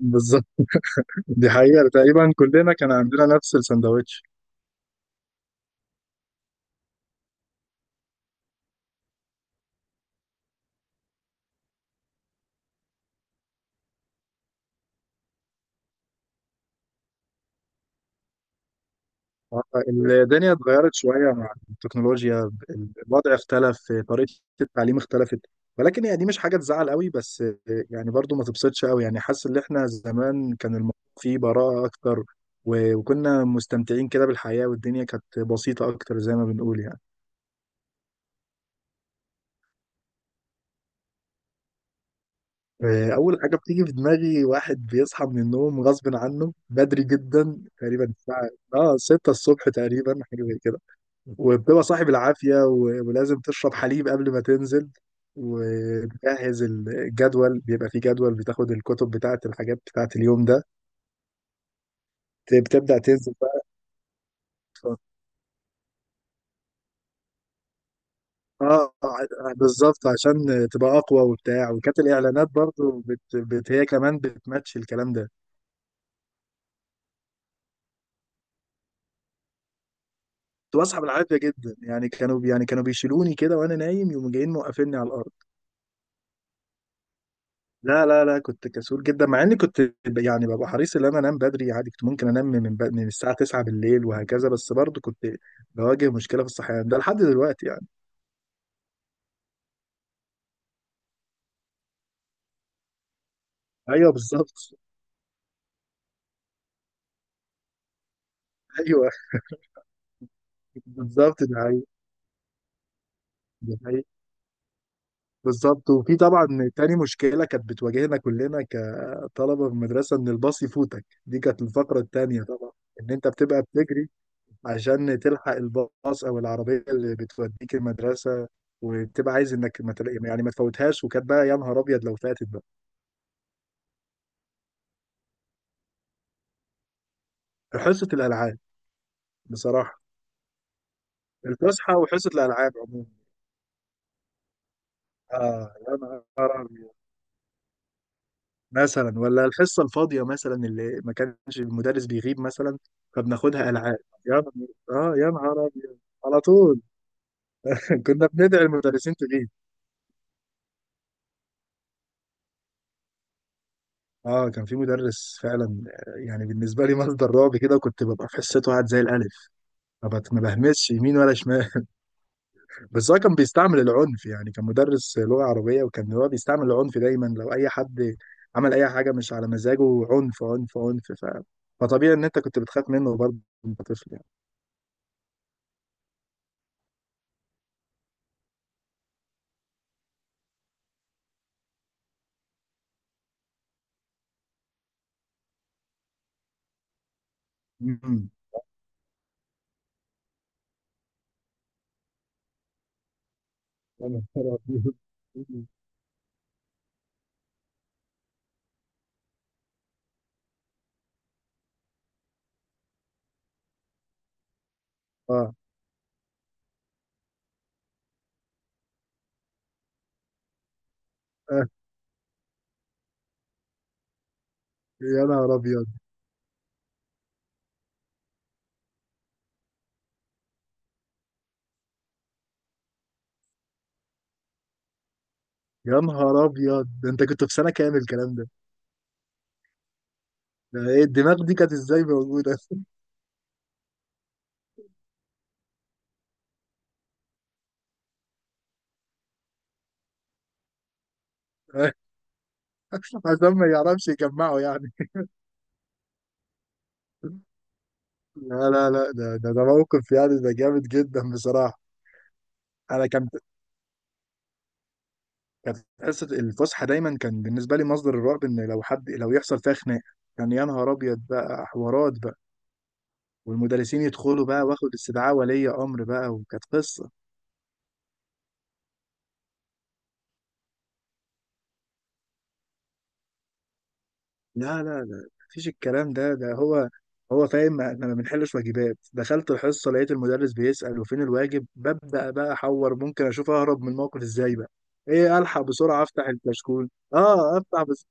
بالظبط. دي حقيقة تقريبا كلنا كان عندنا نفس السندوتش. الدنيا اتغيرت شوية مع التكنولوجيا. الوضع اختلف، طريقة التعليم اختلفت. ولكن هي دي مش حاجة تزعل قوي، بس يعني برضو ما تبسطش قوي. يعني حاسس ان احنا زمان كان الموضوع فيه براءة اكتر، وكنا مستمتعين كده بالحياة، والدنيا كانت بسيطة اكتر زي ما بنقول يعني. أول حاجة بتيجي في دماغي واحد بيصحى من النوم غصب عنه بدري جدا، تقريبا الساعة اه 6 الصبح تقريبا، حاجة زي كده. وبتبقى صاحب العافية، ولازم تشرب حليب قبل ما تنزل وتجهز الجدول. بيبقى فيه جدول بتاخد الكتب بتاعة الحاجات بتاعة اليوم ده. بتبدأ تنزل بقى. ف- بالظبط عشان تبقى أقوى وبتاع. وكانت الإعلانات برضو هي كمان بتماتش الكلام ده. كنت بصحى بالعافيه جدا يعني، كانوا بيشيلوني كده وانا نايم، يقوموا جايين موقفيني على الارض. لا لا لا، كنت كسول جدا. مع اني كنت يعني ببقى حريص ان انا انام بدري عادي. كنت ممكن انام من من الساعه 9 بالليل وهكذا، بس برضه كنت بواجه مشكله في الصحيان ده لحد دلوقتي يعني. ايوه بالظبط. ايوه بالظبط، ده حقيقي، ده حقيقي. بالظبط. وفي طبعا تاني مشكله كانت بتواجهنا كلنا كطلبه في المدرسه، ان الباص يفوتك. دي كانت الفقره التانيه طبعا، ان انت بتبقى بتجري عشان تلحق الباص او العربيه اللي بتوديك المدرسه. وبتبقى عايز انك ما يعني ما تفوتهاش. وكانت بقى يا نهار ابيض لو فاتت بقى. حصه الالعاب بصراحه، الفسحه وحصه الالعاب عموما. اه يا نهار ابيض، مثلا ولا الحصه الفاضيه مثلا، اللي ما كانش المدرس بيغيب مثلا، فبناخدها العاب. يا نهار، اه يا نهار ابيض على طول. كنا بندعي المدرسين تغيب. اه كان في مدرس فعلا، يعني بالنسبه لي مصدر رعب كده. وكنت ببقى في حصته قاعد زي الالف، ما بهمسش يمين ولا شمال. بس هو كان بيستعمل العنف يعني. كان مدرس لغة عربية وكان هو بيستعمل العنف دايما لو أي حد عمل أي حاجة مش على مزاجه. عنف عنف عنف، فطبيعي إن أنت كنت بتخاف منه برضه، وأنت طفل يعني. أمم. يا نهار أبيض. آه. آه، يا نهار أبيض. يا نهار أبيض، ده أنت كنت في سنة كامل الكلام ده؟ ده إيه الدماغ دي كانت إزاي موجودة؟ عشان ما يعرفش يجمعه يعني. لا لا لا، ده موقف يعني، ده جامد جدا بصراحة. انا كانت، كانت حصه الفسحه دايما كان بالنسبه لي مصدر الرعب، ان لو حد لو يحصل فيها خناقه. كان يا نهار ابيض بقى، حوارات بقى، والمدرسين يدخلوا بقى، واخد استدعاء ولي امر بقى، وكانت قصه. لا لا لا، مفيش الكلام ده. ده هو فاهم احنا ما بنحلش واجبات. دخلت الحصه لقيت المدرس بيسال وفين الواجب، ببدا بقى احور ممكن اشوف اهرب من الموقف ازاي بقى. ايه الحق بسرعه افتح الكشكول، اه افتح بس،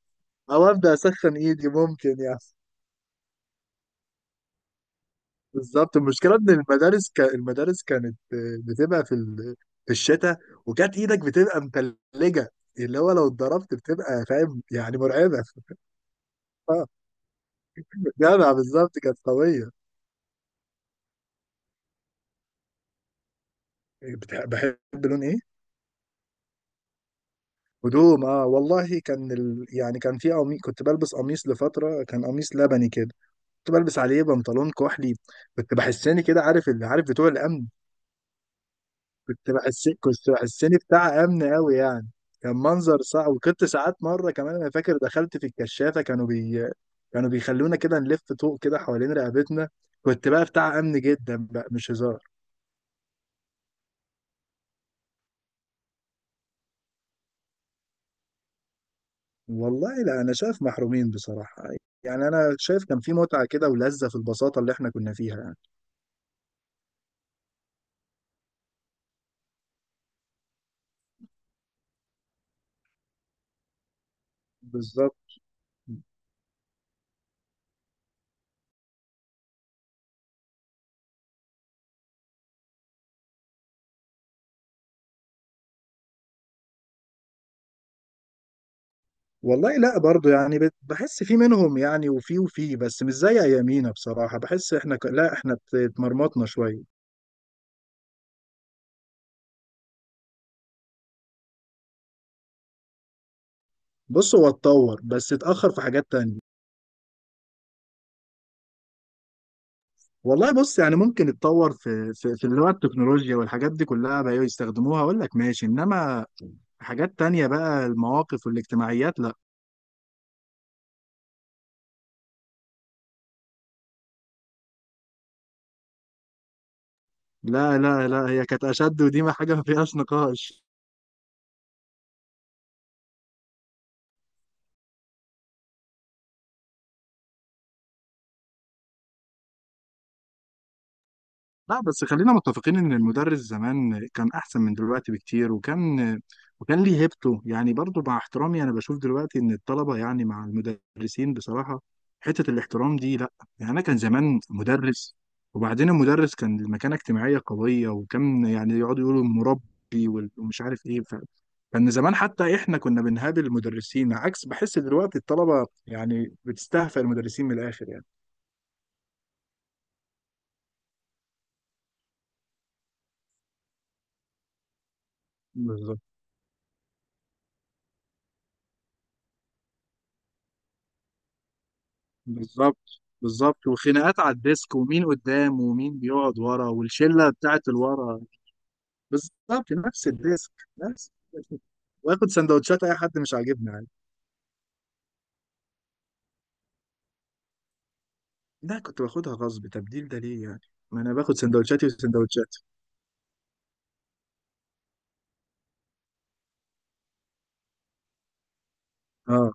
او ابدا اسخن ايدي ممكن يعني. بالظبط، المشكله ان المدارس المدارس كانت بتبقى في في الشتاء، وكانت ايدك بتبقى متلجه، اللي هو لو اتضربت بتبقى فاهم يعني، مرعبه. اه جدع، بالظبط كانت قويه. بحب، لون ايه؟ هدوم، اه والله كان يعني كان في قميص، كنت بلبس قميص لفتره، كان قميص لبني كده، كنت بلبس عليه بنطلون كحلي. كنت بحسني كده، عارف اللي، عارف بتوع الامن، كنت بحسني بتاع امن قوي يعني. كان منظر صعب. وكنت ساعات، مره كمان انا فاكر دخلت في الكشافه، كانوا بيخلونا كده نلف طوق كده حوالين رقبتنا. كنت بقى بتاع امن جدا بقى، مش هزار. والله لا انا شايف محرومين بصراحه. يعني انا شايف كان في متعه كده ولذه في البساطه اللي احنا كنا فيها يعني. بالظبط. والله لا برضو يعني، بحس في منهم يعني، وفي بس مش زي ايامينا بصراحه. بحس احنا لا احنا اتمرمطنا شويه. بص هو اتطور بس اتأخر في حاجات تانية. والله بص، يعني ممكن اتطور في في اللي هو التكنولوجيا والحاجات دي كلها بقى يستخدموها، اقول لك ماشي. انما حاجات تانية بقى، المواقف والاجتماعيات لا. لا لا لا، هي كانت اشد، ودي ما حاجة ما فيهاش نقاش. لا بس خلينا متفقين ان المدرس زمان كان احسن من دلوقتي بكتير، وكان، وكان ليه هيبته يعني. برضو مع احترامي انا بشوف دلوقتي ان الطلبة يعني مع المدرسين بصراحة، حتة الاحترام دي لا. يعني انا كان زمان مدرس، وبعدين المدرس كان المكانة اجتماعية قوية، وكان يعني يقعدوا يقولوا المربي ومش عارف ايه كان زمان حتى احنا كنا بنهابل المدرسين، عكس بحس دلوقتي الطلبة يعني بتستهفى المدرسين من الاخر يعني. بالظبط. بالظبط، بالظبط. وخناقات على الديسك ومين قدام ومين بيقعد ورا والشله بتاعت الورا. بالظبط، نفس الديسك، نفس. واخد سندوتشات اي حد مش عاجبني عادي. لا كنت باخدها غصب، تبديل ده ليه يعني، ما انا باخد سندوتشاتي وسندوتشاتي. اه،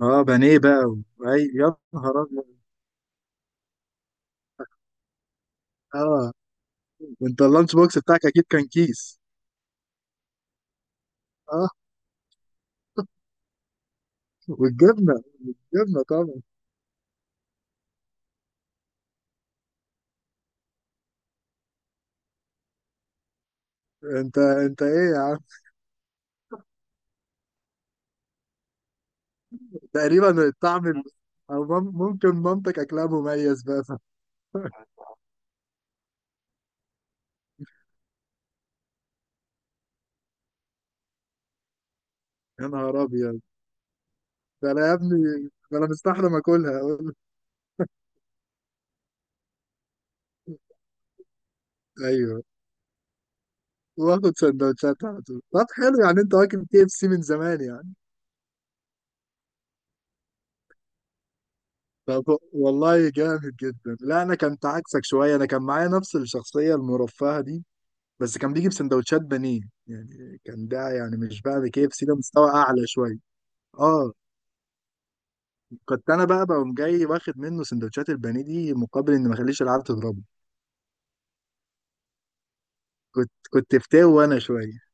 اه بانيه بقى و... اي يا نهار ابيض. اه، انت اللانش بوكس بتاعك اكيد كان كيس. اه، والجبنه، الجبنه طبعا. انت انت ايه يا عم! تقريبا الطعم او ممكن مامتك اكلها مميز بقى. يا نهار ابيض، ده انا يا ابني، ده انا مستحرم اكلها اقول له. ايوه، واخد سندوتشات على طول. طب حلو يعني، انت واكل كي اف سي من زمان يعني. طب والله جامد جدا. لا انا كنت عكسك شويه، انا كان معايا نفس الشخصيه المرفهه دي، بس كان بيجي بسندوتشات بانيه. يعني كان ده يعني مش بقى كي اف سي، ده مستوى اعلى شويه. اه كنت انا بقى بقوم جاي واخد منه سندوتشات البانيه دي، مقابل ان ما اخليش العيال تضربه. كنت فتاوي وانا شويه.